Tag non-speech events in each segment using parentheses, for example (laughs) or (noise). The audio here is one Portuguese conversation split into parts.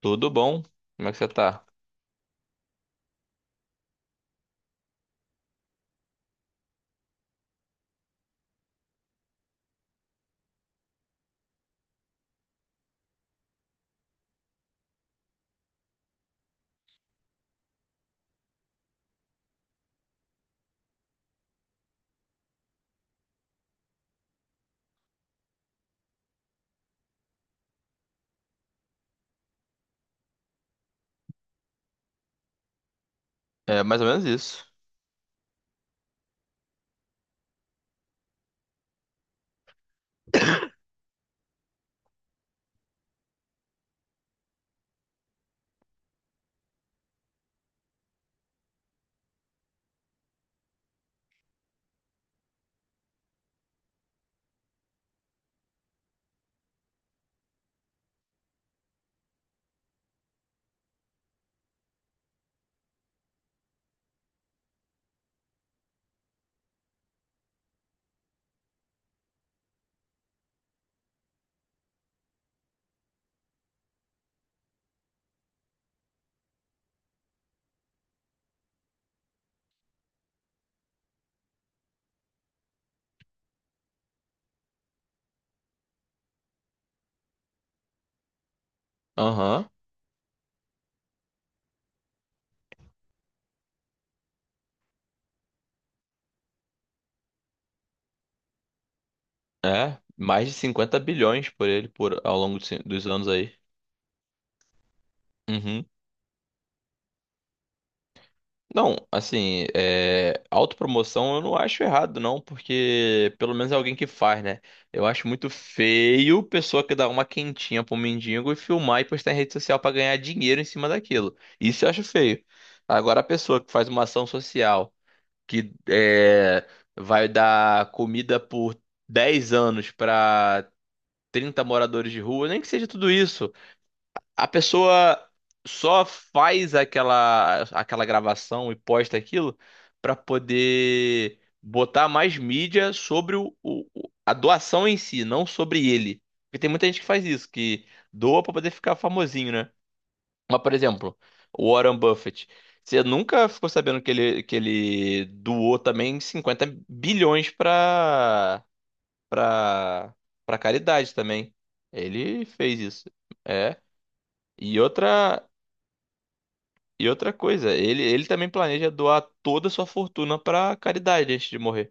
Tudo bom? Como é que você tá? É mais ou menos isso. Aham. É, mais de 50 bilhões por ele ao longo dos anos aí. Uhum. Não, assim, autopromoção eu não acho errado, não, porque pelo menos é alguém que faz, né? Eu acho muito feio pessoa que dá uma quentinha pro mendigo e filmar e postar em rede social pra ganhar dinheiro em cima daquilo. Isso eu acho feio. Agora, a pessoa que faz uma ação social, que é, vai dar comida por 10 anos para 30 moradores de rua, nem que seja tudo isso. A pessoa só faz aquela gravação e posta aquilo para poder botar mais mídia sobre a doação em si, não sobre ele. Porque tem muita gente que faz isso, que doa para poder ficar famosinho, né, mas, por exemplo, o Warren Buffett. Você nunca ficou sabendo que ele doou também 50 bilhões pra, pra caridade também. Ele fez isso. É. E outra, e outra coisa, ele também planeja doar toda a sua fortuna pra caridade antes de morrer.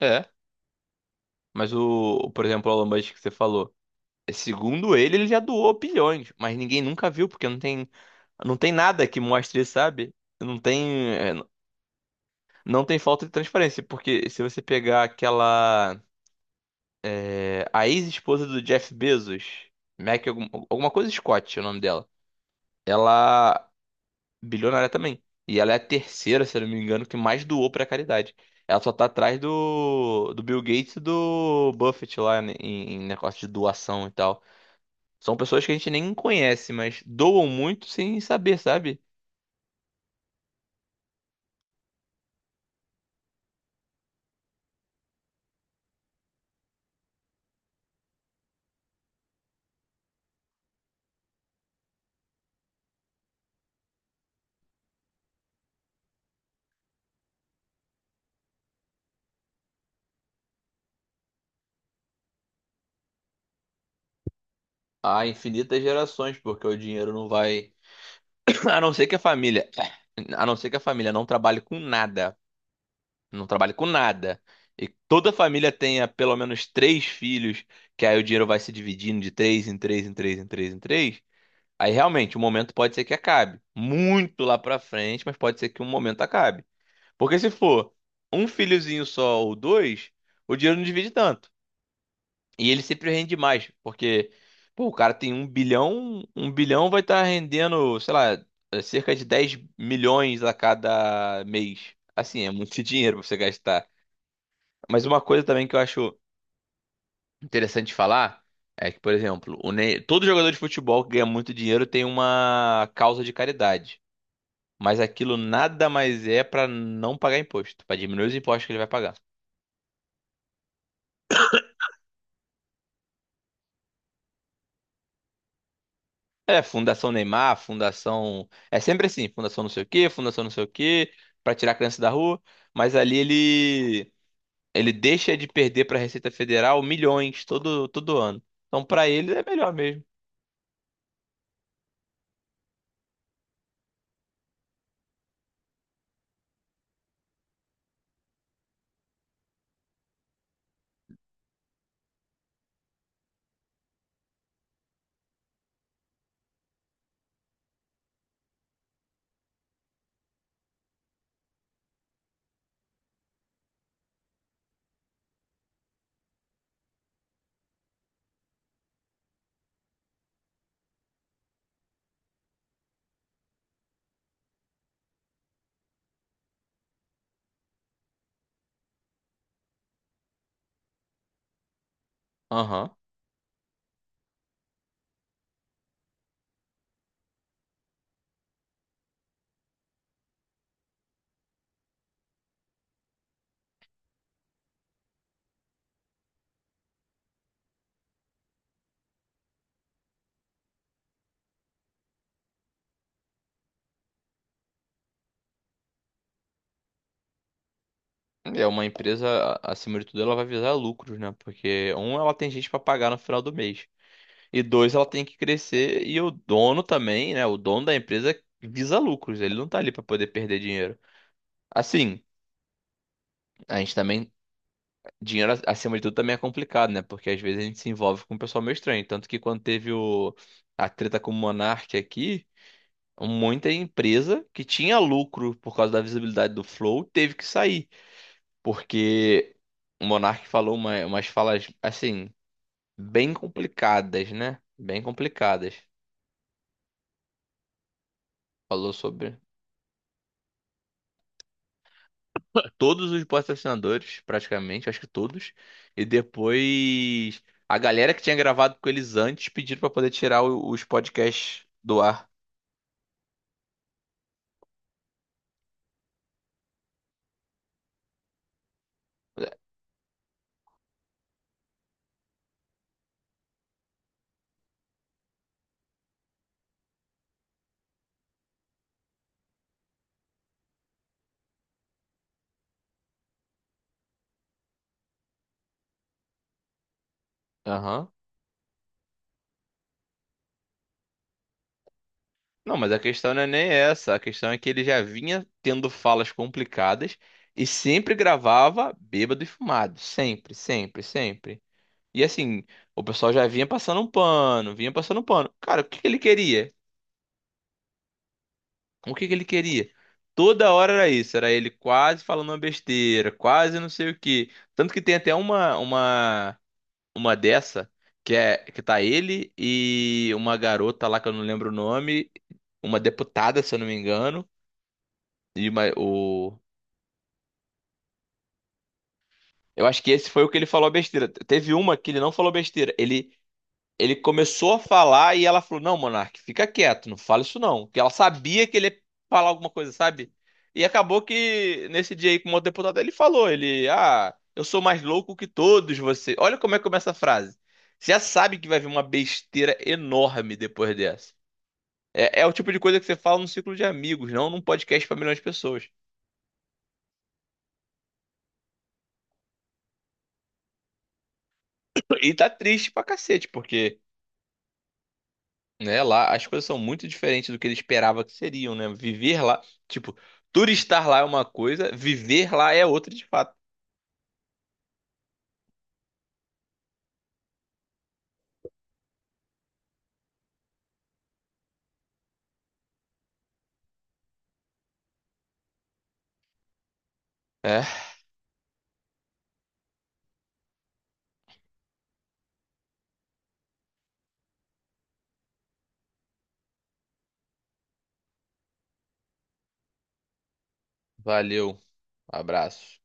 É. Mas por exemplo, o Elon Musk que você falou. Segundo ele já doou bilhões, mas ninguém nunca viu, porque não tem nada que mostre, sabe? Não tem. Não tem falta de transparência, porque se você pegar aquela, a ex-esposa do Jeff Bezos, Mac, alguma coisa Scott, é o nome dela. Ela. Bilionária também. E ela é a terceira, se eu não me engano, que mais doou pra caridade. Ela só tá atrás do Bill Gates e do Buffett lá, né, em, em negócio de doação e tal. São pessoas que a gente nem conhece, mas doam muito sem saber, sabe? Há infinitas gerações, porque o dinheiro não vai. A não ser que a família, a não ser que a família não trabalhe com nada, não trabalhe com nada, e toda a família tenha pelo menos três filhos, que aí o dinheiro vai se dividindo de três em três em três em três em três, aí realmente o momento pode ser que acabe. Muito lá pra frente, mas pode ser que um momento acabe. Porque se for um filhozinho só ou dois, o dinheiro não divide tanto. E ele sempre rende mais, porque, pô, o cara tem 1 bilhão, 1 bilhão vai estar rendendo, sei lá, é cerca de 10 milhões a cada mês. Assim, é muito (laughs) dinheiro pra você gastar. Mas uma coisa também que eu acho interessante falar é que, por exemplo, todo jogador de futebol que ganha muito dinheiro tem uma causa de caridade. Mas aquilo nada mais é pra não pagar imposto, pra diminuir os impostos que ele vai pagar. É, Fundação Neymar, Fundação. É sempre assim, Fundação não sei o quê, Fundação não sei o quê, pra tirar a criança da rua. Mas ali ele deixa de perder pra Receita Federal milhões todo ano. Então pra ele é melhor mesmo. Aham. É uma empresa, acima de tudo, ela vai visar lucros, né? Porque, um, ela tem gente pra pagar no final do mês. E dois, ela tem que crescer. E o dono também, né? O dono da empresa visa lucros. Ele não tá ali pra poder perder dinheiro. Assim, a gente também dinheiro acima de tudo também é complicado, né? Porque às vezes a gente se envolve com um pessoal meio estranho. Tanto que quando teve a treta com o Monark aqui, muita empresa que tinha lucro por causa da visibilidade do Flow teve que sair. Porque o Monark falou umas falas, assim, bem complicadas, né? Bem complicadas. Falou sobre todos os patrocinadores, praticamente, acho que todos. E depois a galera que tinha gravado com eles antes pediram pra poder tirar os podcasts do ar. É. Aham. Não, mas a questão não é nem essa. A questão é que ele já vinha tendo falas complicadas e sempre gravava bêbado e fumado. Sempre, sempre, sempre. E assim, o pessoal já vinha passando um pano, vinha passando um pano. Cara, o que que ele queria? O que que ele queria? Toda hora era isso, era ele quase falando uma besteira, quase não sei o quê. Tanto que tem até uma dessa que é que tá ele e uma garota lá que eu não lembro o nome, uma deputada, se eu não me engano, e uma- o eu acho que esse foi o que ele falou a besteira. Teve uma que ele não falou besteira. Ele começou a falar e ela falou: Não, Monark, fica quieto, não fala isso não. Porque ela sabia que ele ia falar alguma coisa, sabe? E acabou que nesse dia aí com o deputado ele falou: ah, eu sou mais louco que todos vocês. Olha como é que começa a frase. Você já sabe que vai vir uma besteira enorme depois dessa. É, é o tipo de coisa que você fala num círculo de amigos, não num podcast pra milhões de pessoas. E tá triste pra cacete, porque, né? Lá as coisas são muito diferentes do que ele esperava que seriam, né? Viver lá, tipo, turistar lá é uma coisa, viver lá é outra de fato. É, valeu. Abraço.